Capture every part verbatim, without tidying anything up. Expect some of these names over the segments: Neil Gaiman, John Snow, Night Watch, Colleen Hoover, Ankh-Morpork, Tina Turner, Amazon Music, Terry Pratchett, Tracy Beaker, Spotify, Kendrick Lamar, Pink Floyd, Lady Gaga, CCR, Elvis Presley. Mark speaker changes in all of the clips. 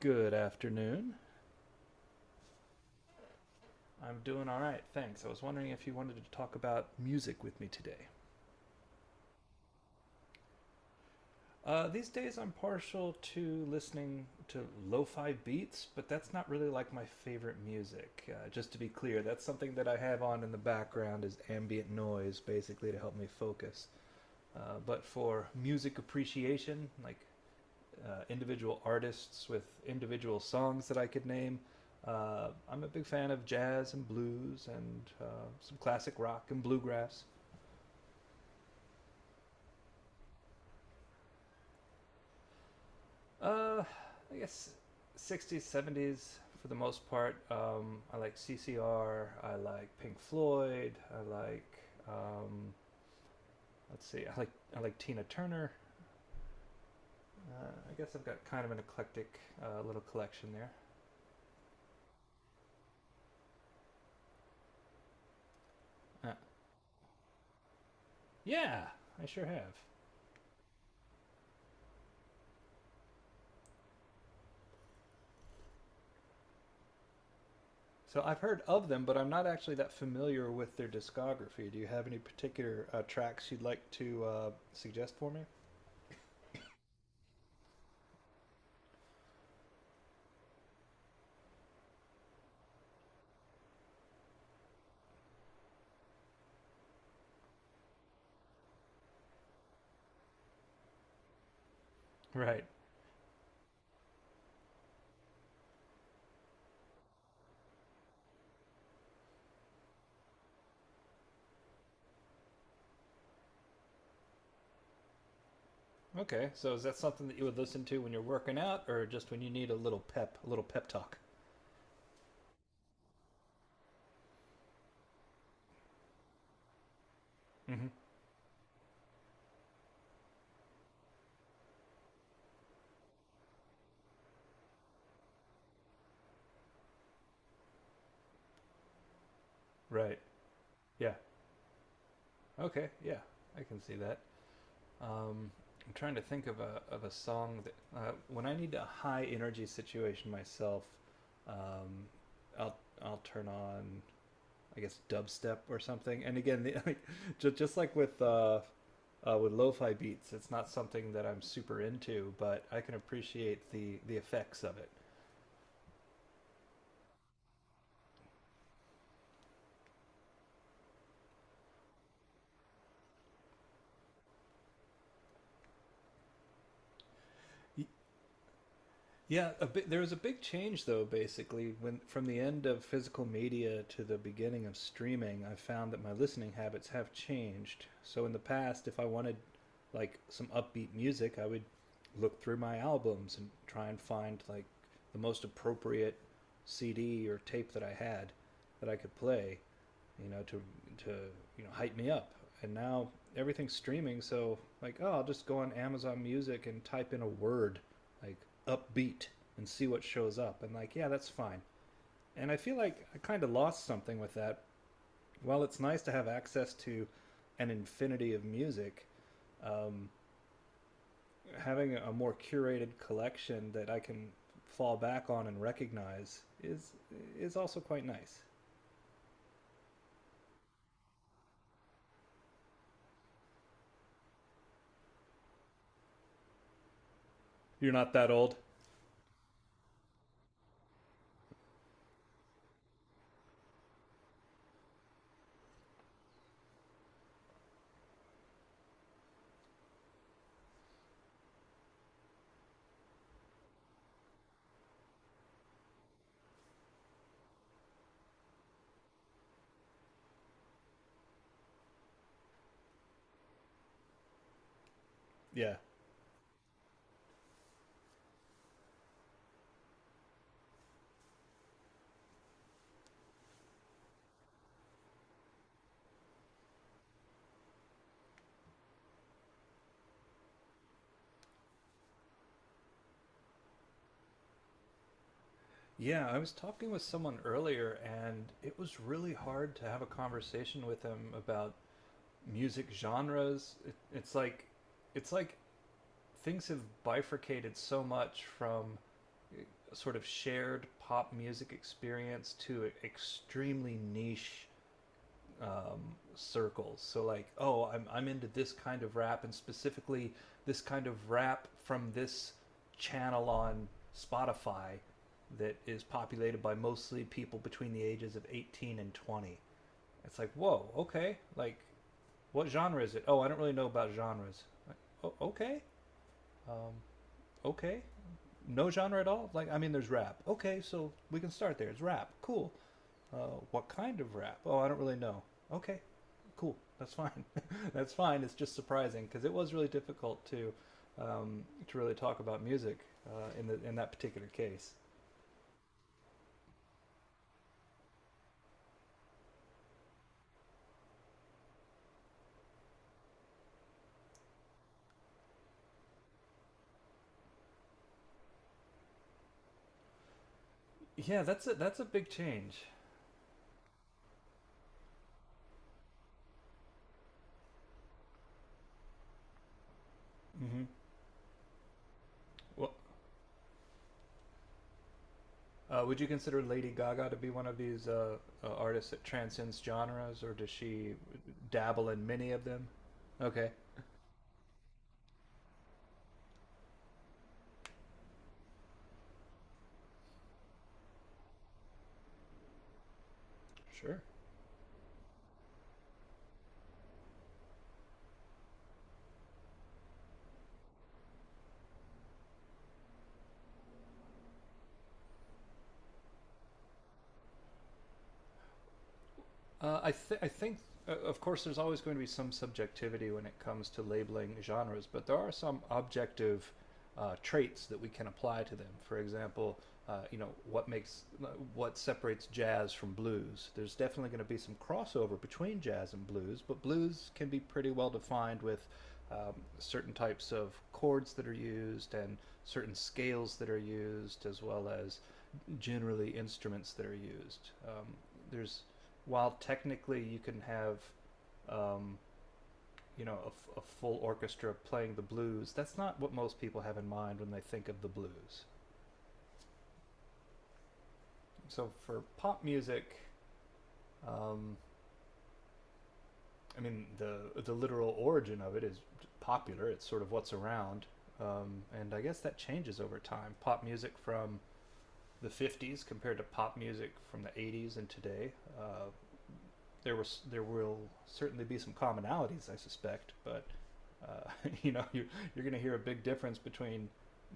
Speaker 1: Good afternoon. I'm doing all right, thanks. I was wondering if you wanted to talk about music with me today. Uh, these days, I'm partial to listening to lo-fi beats, but that's not really like my favorite music. Uh, just to be clear, that's something that I have on in the background as ambient noise, basically to help me focus. Uh, but for music appreciation, like uh, individual artists with individual songs that I could name. Uh, I'm a big fan of jazz and blues and uh, some classic rock and bluegrass. Uh, I guess sixties, seventies for the most part. Um, I like C C R. I like Pink Floyd. I like um, let's see. I like I like Tina Turner. Uh, I guess I've got kind of an eclectic uh, little collection there. Uh, yeah, I sure have. So I've heard of them, but I'm not actually that familiar with their discography. Do you have any particular uh, tracks you'd like to uh, suggest for me? Right. Okay, so is that something that you would listen to when you're working out, or just when you need a little pep, a little pep talk? Mm-hmm. Right. Yeah. Okay, yeah, I can see that. Um, I'm trying to think of a of a song that uh, when I need a high energy situation myself, um, I'll I'll turn on I guess dubstep or something. And again, the, like, just just like with uh, uh, with lo-fi beats, it's not something that I'm super into, but I can appreciate the the effects of it. Yeah, a bi- there was a big change though. Basically, when from the end of physical media to the beginning of streaming, I found that my listening habits have changed. So in the past, if I wanted like some upbeat music, I would look through my albums and try and find like the most appropriate C D or tape that I had that I could play you know, to to you know hype me up. And now everything's streaming, so like, oh, I'll just go on Amazon Music and type in a word like upbeat and see what shows up. And like, yeah, that's fine. And I feel like I kind of lost something with that. While it's nice to have access to an infinity of music, um, having a more curated collection that I can fall back on and recognize is is also quite nice. You're not that old. Yeah, yeah, I was talking with someone earlier, and it was really hard to have a conversation with them about music genres. It, it's like, it's like things have bifurcated so much from a sort of shared pop music experience to e-, extremely niche um, circles. So like, oh, I'm I'm into this kind of rap and specifically this kind of rap from this channel on Spotify that is populated by mostly people between the ages of eighteen and twenty. It's like, whoa, okay. Like, what genre is it? Oh, I don't really know about genres. Like, oh, okay, um, okay. No genre at all. Like, I mean, there's rap. Okay, so we can start there. It's rap. Cool. Uh, what kind of rap? Oh, I don't really know. Okay, cool. That's fine. That's fine. It's just surprising because it was really difficult to um, to really talk about music uh, in the in that particular case. Yeah, that's a that's a big change. hmm Well, uh, would you consider Lady Gaga to be one of these uh, uh, artists that transcends genres, or does she dabble in many of them? Okay, sure. Uh, I, th- I think, uh, of course, there's always going to be some subjectivity when it comes to labeling genres, but there are some objective uh, traits that we can apply to them. For example, uh, you know, what makes uh, what separates jazz from blues? There's definitely going to be some crossover between jazz and blues, but blues can be pretty well defined with um, certain types of chords that are used and certain scales that are used, as well as generally instruments that are used. Um, there's While technically you can have, um, you know, a f- a full orchestra playing the blues, that's not what most people have in mind when they think of the blues. So for pop music, um, I mean, the the literal origin of it is popular. It's sort of what's around, um, and I guess that changes over time. Pop music from the fifties compared to pop music from the eighties and today. Uh, there was there will certainly be some commonalities, I suspect, but uh, you know you're you're going to hear a big difference between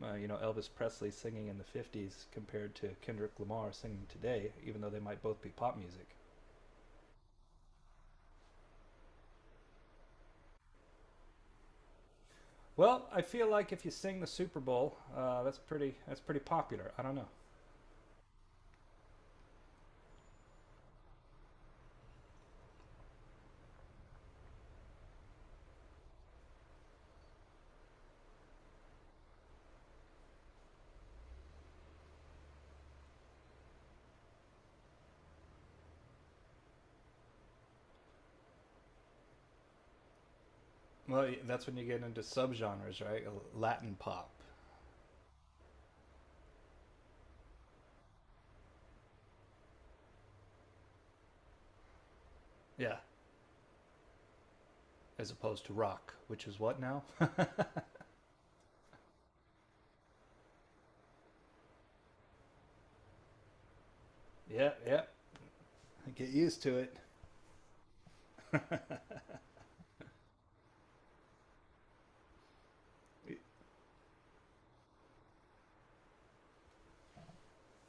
Speaker 1: uh, you know Elvis Presley singing in the fifties compared to Kendrick Lamar singing today, even though they might both be pop music. Well, I feel like if you sing the Super Bowl, uh, that's pretty that's pretty popular. I don't know. Well, that's when you get into subgenres, right? Latin pop, yeah, as opposed to rock, which is what now? Yeah, yeah. Get used to it.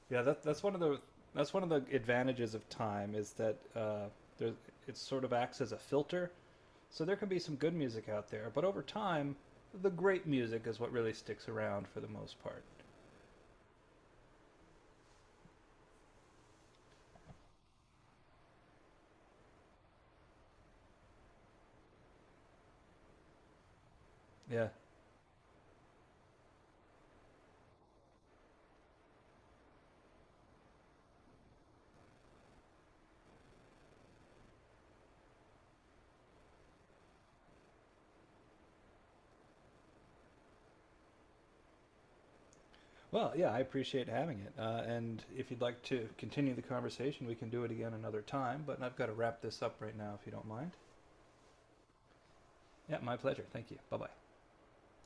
Speaker 1: Yeah, that, that's one of the that's one of the advantages of time is that uh, there, it sort of acts as a filter. So there can be some good music out there, but over time, the great music is what really sticks around for the most part. Yeah. Well, yeah, I appreciate having it. Uh, and if you'd like to continue the conversation, we can do it again another time. But I've got to wrap this up right now, if you don't mind. Yeah, my pleasure. Thank you. Bye bye.